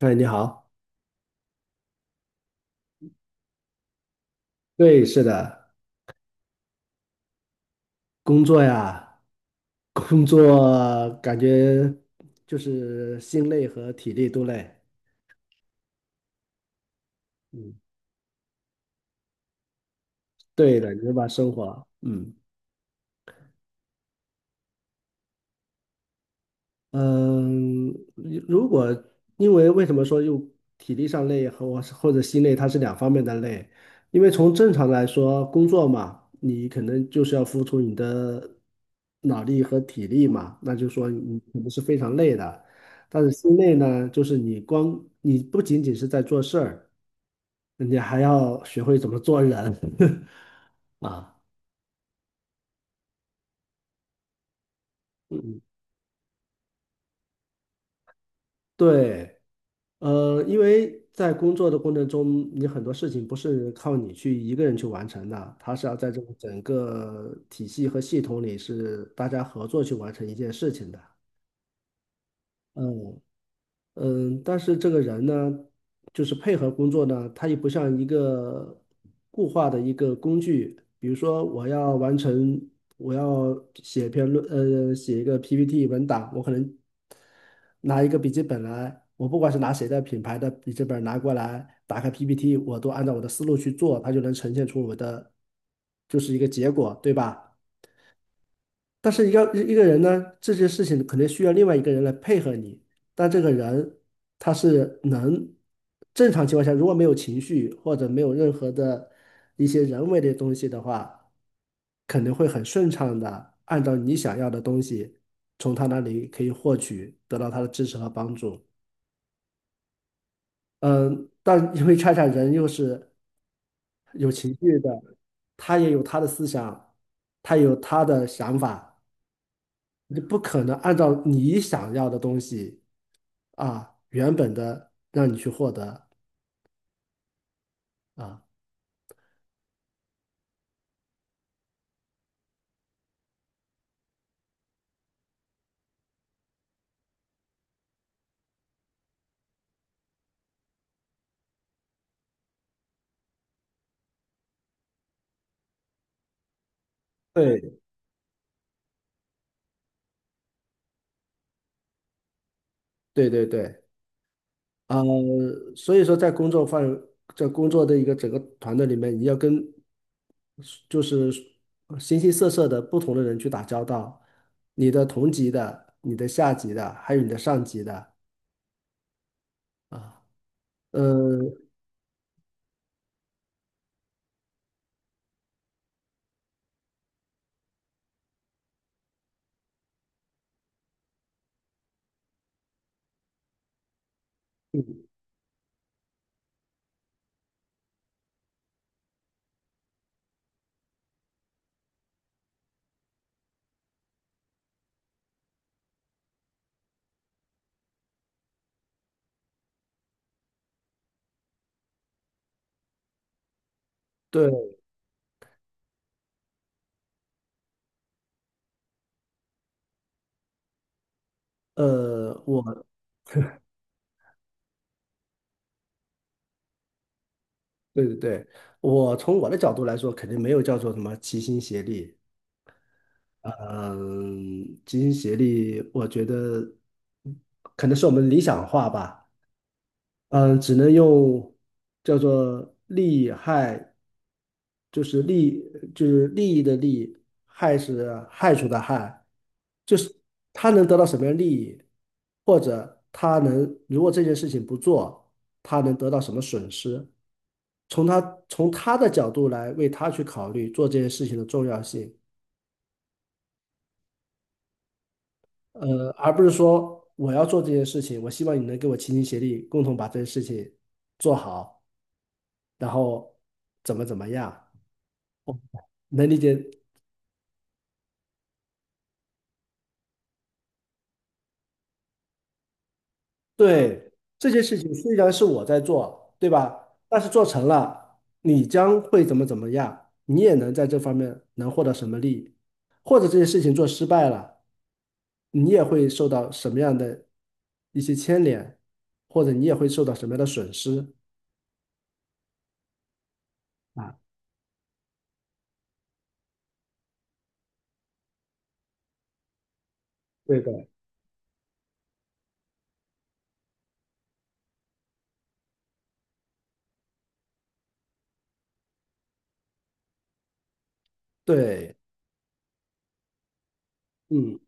哎，你好，对，是的，工作呀，工作感觉就是心累和体力都累。嗯，对的，你就把生活，嗯。嗯，如果因为为什么说又体力上累和我或者心累，它是两方面的累。因为从正常来说，工作嘛，你可能就是要付出你的脑力和体力嘛，那就是说你肯定是非常累的。但是心累呢，就是你光你不仅仅是在做事儿，你还要学会怎么做人 啊。嗯，对。因为在工作的过程中，你很多事情不是靠你去一个人去完成的，它是要在这个整个体系和系统里是大家合作去完成一件事情的。嗯，嗯，但是这个人呢，就是配合工作呢，他也不像一个固化的一个工具。比如说，我要完成，我要写一个 PPT 文档，我可能拿一个笔记本来，我不管是拿谁的品牌的笔记本拿过来，打开 PPT，我都按照我的思路去做，它就能呈现出我的，就是一个结果，对吧？但是一个人呢，这些事情肯定需要另外一个人来配合你。但这个人他是能正常情况下，如果没有情绪或者没有任何的一些人为的东西的话，肯定会很顺畅的按照你想要的东西，从他那里可以获取，得到他的支持和帮助。嗯，但因为恰恰人又是有情绪的，他也有他的思想，他有他的想法。你不可能按照你想要的东西啊，原本的让你去获得啊。对，对对对，呃，所以说在工作范围，在工作的一个整个团队里面，你要跟就是形形色色的不同的人去打交道，你的同级的、你的下级的，还有你的上级的啊，呃，对，呃，我，对对对，我从我的角度来说，肯定没有叫做什么齐心协力嗯，齐心协力，我觉得可能是我们理想化吧。嗯，只能用叫做利害，就是利，就是利益的利，害是害处的害，就是他能得到什么样利益，或者他能，如果这件事情不做，他能得到什么损失？从他的角度来为他去考虑做这件事情的重要性。而不是说我要做这件事情，我希望你能给我齐心协力，共同把这件事情做好，然后怎么怎么样，能理解？对，这件事情虽然是我在做，对吧？但是做成了，你将会怎么怎么样，你也能在这方面能获得什么利益，或者这件事情做失败了，你也会受到什么样的一些牵连，或者你也会受到什么样的损失啊？对的，对，嗯。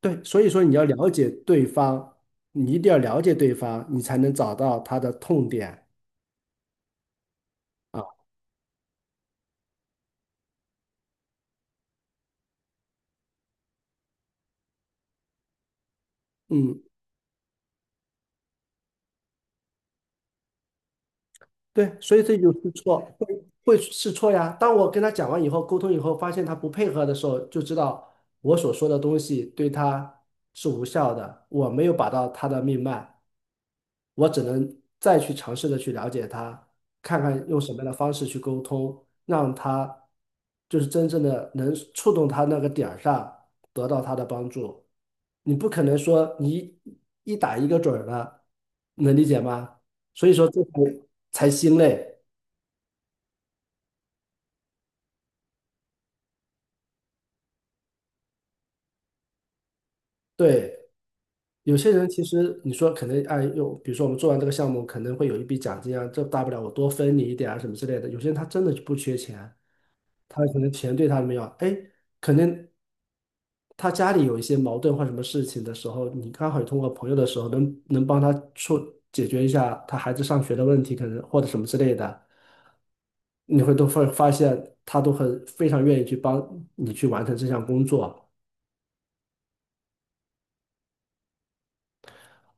对，所以说你要了解对方，你一定要了解对方，你才能找到他的痛点啊。嗯，对，所以这就试错，会试错呀。当我跟他讲完以后，沟通以后，发现他不配合的时候，就知道我所说的东西对他是无效的，我没有把到他的命脉，我只能再去尝试的去了解他，看看用什么样的方式去沟通，让他就是真正的能触动他那个点儿上，得到他的帮助。你不可能说你一打一个准儿了，能理解吗？所以说这才才心累。对，有些人其实你说可能哎，又比如说我们做完这个项目，可能会有一笔奖金啊，这大不了我多分你一点啊什么之类的。有些人他真的就不缺钱，他可能钱对他没有，哎，可能他家里有一些矛盾或什么事情的时候，你刚好也通过朋友的时候能帮他处解决一下他孩子上学的问题，可能或者什么之类的，你会都会发现他都很非常愿意去帮你去完成这项工作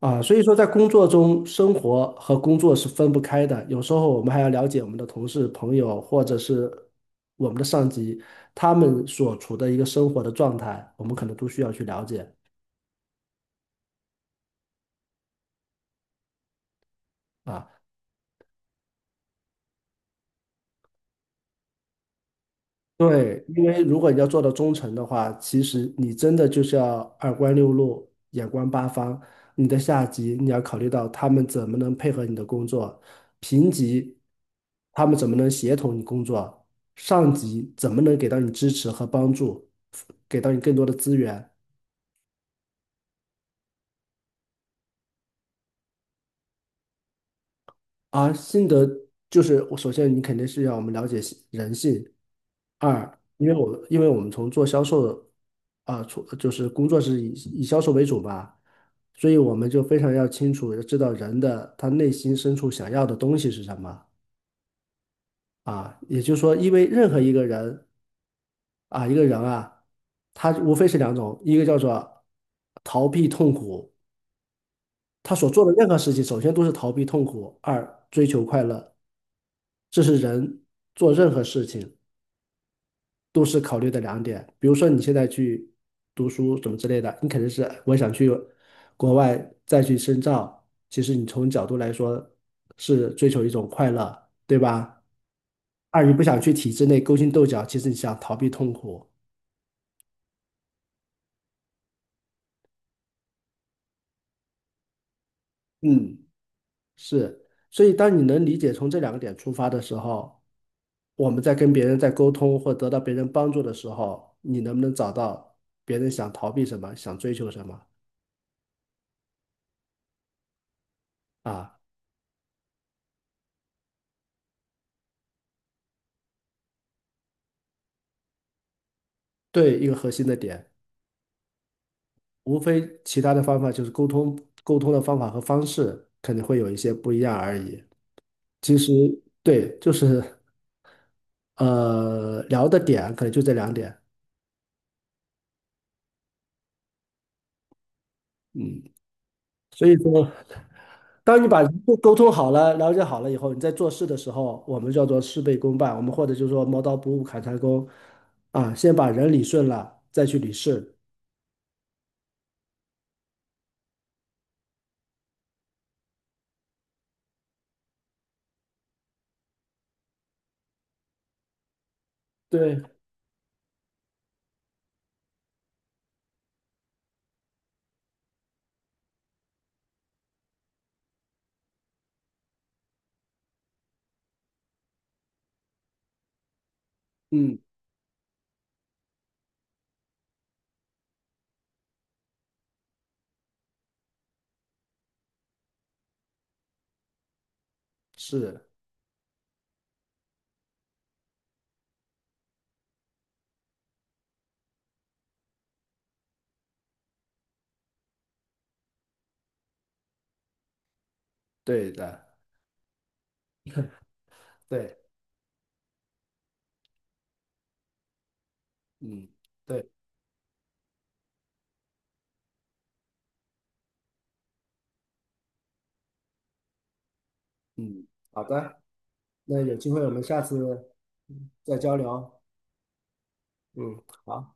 啊。所以说，在工作中，生活和工作是分不开的。有时候我们还要了解我们的同事、朋友，或者是我们的上级，他们所处的一个生活的状态，我们可能都需要去了解啊。对，因为如果你要做到忠诚的话，其实你真的就是要二观六路，眼观八方。你的下级你要考虑到他们怎么能配合你的工作，平级他们怎么能协同你工作，上级怎么能给到你支持和帮助，给到你更多的资源。啊，心得就是我，首先你肯定是要我们了解心人性。二，因为我们从做销售啊，从就是工作是以销售为主吧，所以我们就非常要清楚地知道人的他内心深处想要的东西是什么啊。也就是说，因为任何一个人啊，一个人啊，他无非是两种，一个叫做逃避痛苦，他所做的任何事情，首先都是逃避痛苦，二追求快乐，这是人做任何事情都是考虑的两点。比如说你现在去读书什么之类的，你肯定是我想去国外再去深造，其实你从角度来说是追求一种快乐，对吧？二，你不想去体制内勾心斗角，其实你想逃避痛苦。嗯，是。所以当你能理解从这两个点出发的时候，我们在跟别人在沟通或得到别人帮助的时候，你能不能找到别人想逃避什么，想追求什么啊？对，一个核心的点，无非其他的方法就是沟通，沟通的方法和方式可能会有一些不一样而已。其实对，就是聊的点可能就这两点，嗯。所以说，当你把人沟通好了、了解好了以后，你在做事的时候，我们叫做事倍功半，我们或者就是说磨刀不误砍柴工啊，先把人理顺了，再去理事。对，嗯，是对的，对，嗯，对，嗯，好的，那有机会我们下次再交流。嗯，好，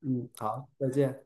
嗯，好，再见。